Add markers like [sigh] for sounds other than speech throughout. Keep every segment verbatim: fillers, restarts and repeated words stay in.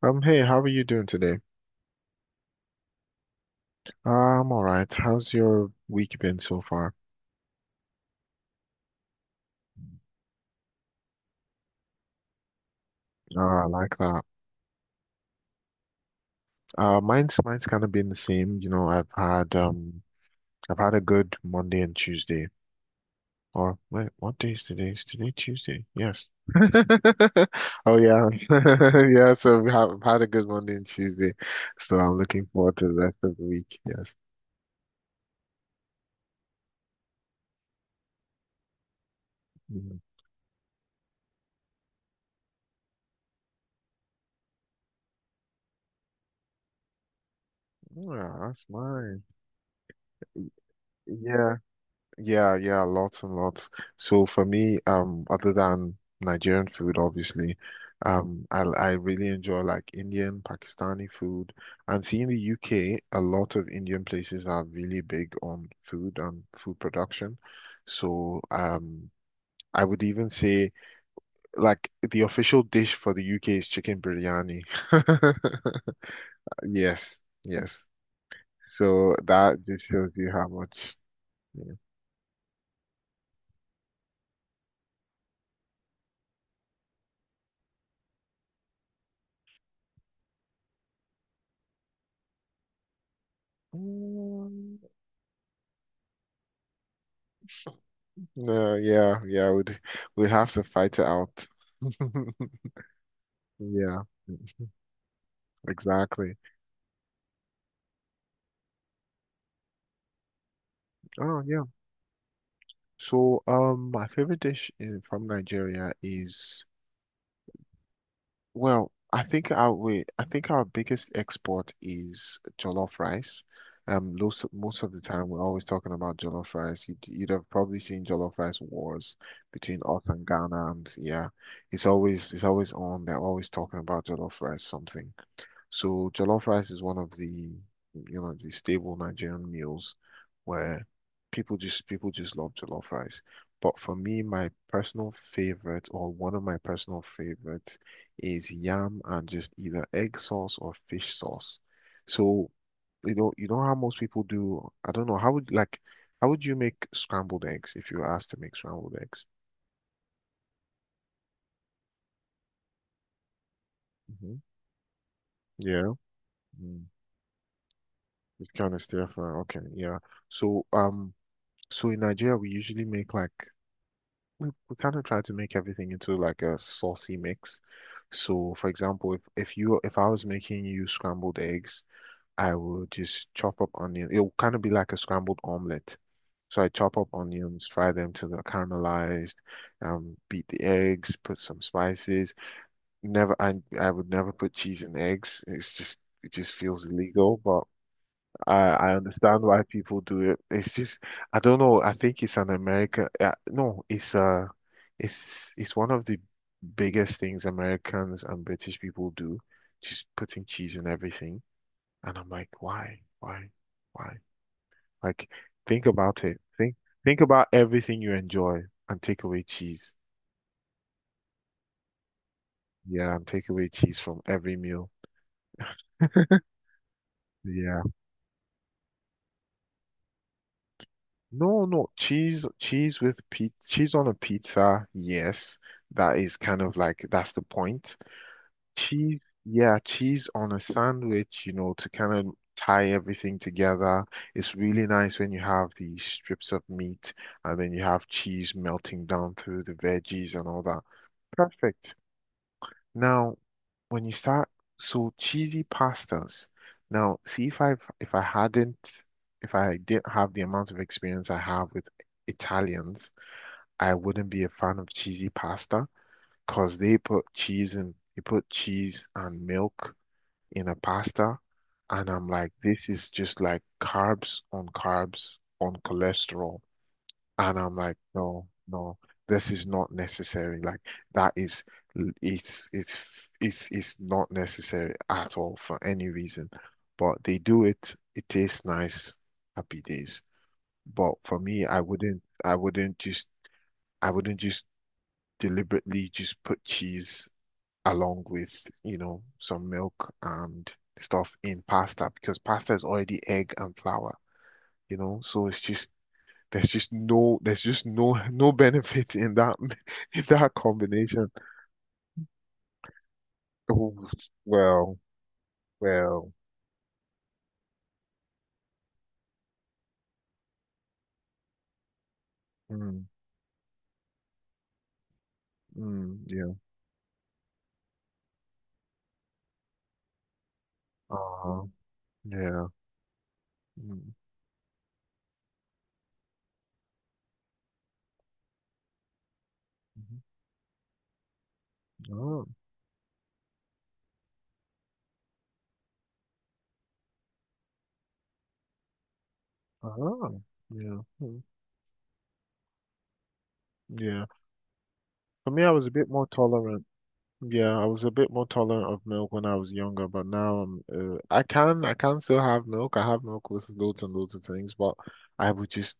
Um, hey, how are you doing today? Uh, I'm all right. How's your week been so far? Uh, I like that. Uh, mine's mine's kind of been the same. You know, I've had um, I've had a good Monday and Tuesday. Or wait, what day is today? Is today Tuesday? Yes. [laughs] Oh yeah, [laughs] yeah. So I've ha- had a good Monday and Tuesday, so I'm looking forward to the rest of the week. Yes. Mhm. Yeah, that's nice. Yeah. Yeah, yeah, lots and lots. So for me, um, other than Nigerian food, obviously, um, I I really enjoy like Indian, Pakistani food, and seeing the U K, a lot of Indian places are really big on food and food production. So, um, I would even say like the official dish for the U K is chicken biryani. [laughs] Yes, yes. So that just shows you how much. Yeah. Mm. No, yeah, yeah, we'd we'd have to fight it out. [laughs] Yeah, exactly. Oh, yeah. So, um, my favorite dish in, from Nigeria is, well, I think our we, I think our biggest export is jollof rice. Um, most most of the time we're always talking about jollof rice. You'd, you'd have probably seen jollof rice wars between us and Ghana, and yeah, it's always it's always on. They're always talking about jollof rice something. So jollof rice is one of the, you know, the stable Nigerian meals where people just people just love jollof rice. But for me, my personal favorite or one of my personal favorites is yam and just either egg sauce or fish sauce. So, you know, you know how most people do, I don't know, how would like how would you make scrambled eggs if you were asked to make scrambled eggs? Hmm. Yeah. Mm. You kind of stir fry. Okay, yeah. So, um So in Nigeria, we usually make like we, we kind of try to make everything into like a saucy mix. So for example, if if you if I was making you scrambled eggs, I would just chop up onion. It would kind of be like a scrambled omelet. So I chop up onions, fry them till they're caramelized, um, beat the eggs, put some spices. Never, I I would never put cheese in eggs. It's just it just feels illegal, but I I understand why people do it. It's just I don't know. I think it's an America. Uh, no, it's uh, it's it's one of the biggest things Americans and British people do, just putting cheese in everything. And I'm like, why, why, why? Like, think about it. Think think about everything you enjoy and take away cheese. Yeah, and take away cheese from every meal. [laughs] Yeah. No, no, cheese, cheese with pizza, cheese on a pizza. Yes, that is kind of like that's the point. Cheese, yeah, cheese on a sandwich, you know, to kind of tie everything together. It's really nice when you have the strips of meat and then you have cheese melting down through the veggies and all that. Perfect. Now, when you start, so cheesy pastas. Now, see if I if I hadn't if I didn't have the amount of experience I have with Italians, I wouldn't be a fan of cheesy pasta because they put cheese in, they put cheese and milk in a pasta, and I'm like, this is just like carbs on carbs on cholesterol. And I'm like, no, no, this is not necessary. Like that is it's it's it's it's not necessary at all for any reason. But they do it, it tastes nice, happy days. But for me, I wouldn't I wouldn't just I wouldn't just deliberately just put cheese along with, you know, some milk and stuff in pasta because pasta is already egg and flour, you know, so it's just there's just no, there's just no, no benefit in that, [laughs] in that combination. Oh, well, well, mm, mm, yeah, uh-huh, yeah, mm, mhm, uh, uh, yeah, mm, yeah. For me, I was a bit more tolerant. Yeah, I was a bit more tolerant of milk when I was younger, but now I'm, uh, I can, I can still have milk. I have milk with loads and loads of things, but I would just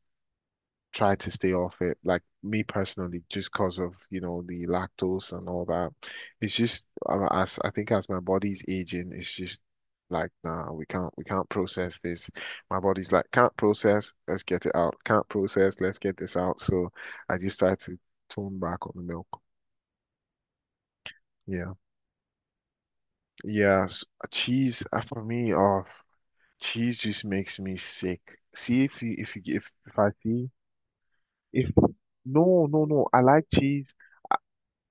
try to stay off it. Like me personally, just because of, you know, the lactose and all that. It's just uh, as I think as my body's aging, it's just like, nah, we can't we can't process this. My body's like, can't process, let's get it out. Can't process, let's get this out. So I just try to tone back on the milk. Yeah. Yeah. s- Cheese uh, for me, oh, cheese just makes me sick. See if you if you if, if I see if no no no I like cheese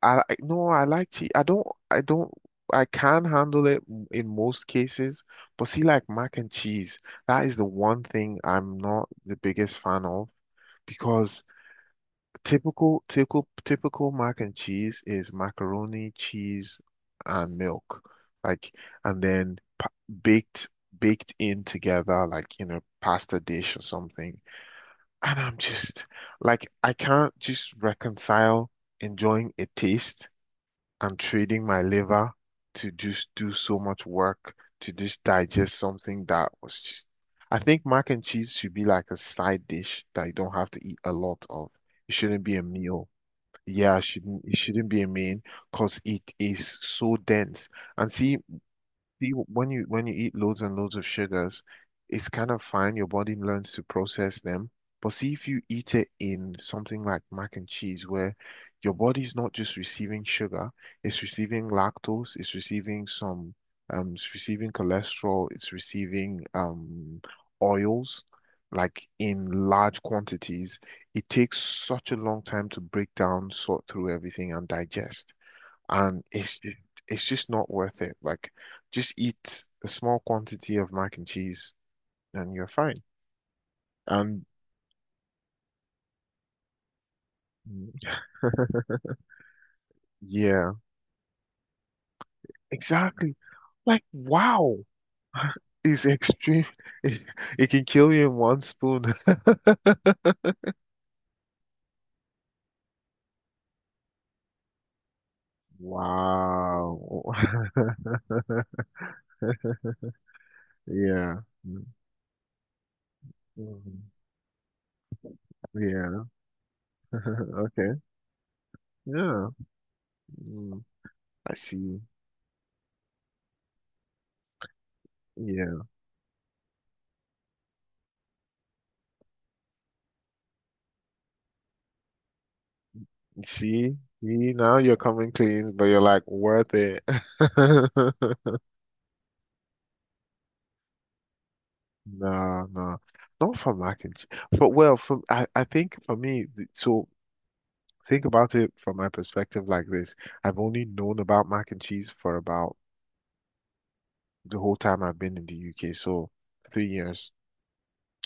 I I- no, I like cheese. I don't. I don't. I can handle it m- in most cases, but see, like mac and cheese, that is the one thing I'm not the biggest fan of because typical, typical, typical mac and cheese is macaroni, cheese, and milk, like, and then pa baked, baked in together, like in a pasta dish or something. And I'm just like, I can't just reconcile enjoying a taste. I'm trading my liver to just do so much work to just digest something that was just. I think mac and cheese should be like a side dish that you don't have to eat a lot of. It shouldn't be a meal. Yeah, it shouldn't it shouldn't be a main because it is so dense. And see, See, when you when you eat loads and loads of sugars, it's kind of fine. Your body learns to process them. But see, if you eat it in something like mac and cheese, where your body's not just receiving sugar, it's receiving lactose, it's receiving some, um, it's receiving cholesterol, it's receiving um oils, like in large quantities. It takes such a long time to break down, sort through everything, and digest and it's ju- it's just not worth it. Like, just eat a small quantity of mac and cheese, and you're fine. And yeah, exactly. Like, wow, is extreme. [laughs] It, it can kill you in one spoon. [laughs] Wow. [laughs] Yeah. Mm. Mhm. Yeah. [laughs] Okay. Yeah. Mm. I see. Yeah. See? See, now you're coming clean, but you're like, worth it. [laughs] No, no, not for mac and cheese. But well, from I, I think for me, th- so think about it from my perspective like this. I've only known about mac and cheese for about the whole time I've been in the U K, so three years.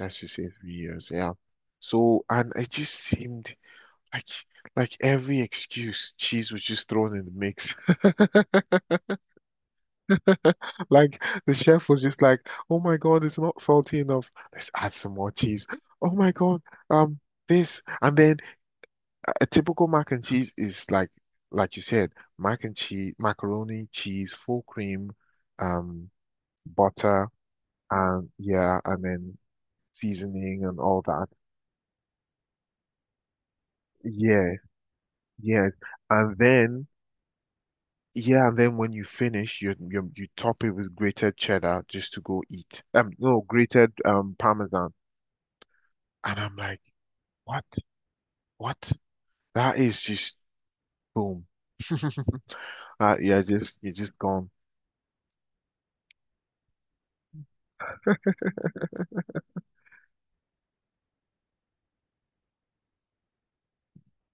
I should say three years, yeah. So and it just seemed like like every excuse, cheese was just thrown in the mix. [laughs] Like the chef was just like, "Oh my God, it's not salty enough. Let's add some more cheese. Oh my God, um." this and then a typical mac and cheese is like like you said, mac and cheese, macaroni, cheese, full cream, um, butter, and yeah, and then seasoning and all that. Yeah, yeah. And then yeah, and then when you finish, you you you top it with grated cheddar just to go eat. Um, no, Grated um parmesan. And I'm like, what? What? That is just boom. [laughs] Uh, yeah, just you're just gone.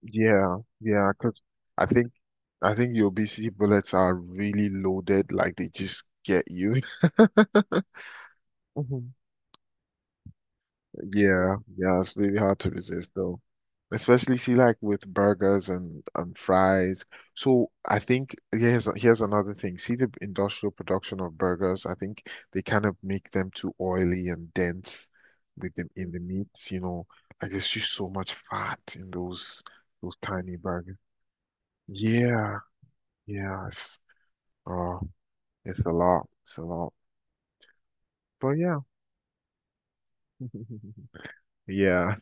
Yeah, yeah, because I think I think your B C bullets are really loaded, like they just get you. [laughs] Mhm. Yeah, yeah, it's really hard to resist though. Especially see like with burgers and and fries. So I think here's here's another thing. See the industrial production of burgers. I think they kind of make them too oily and dense with them in the meats, you know. Like there's just so much fat in those those tiny burgers. Yeah. Yeah, it's, oh, it's a lot. It's a lot. But yeah. [laughs] Yeah.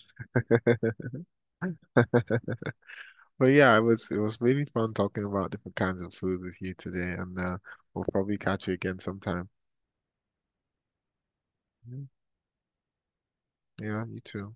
But yeah, it was it was really fun talking about different kinds of food with you today, and uh, we'll probably catch you again sometime. Mm, yeah, you too.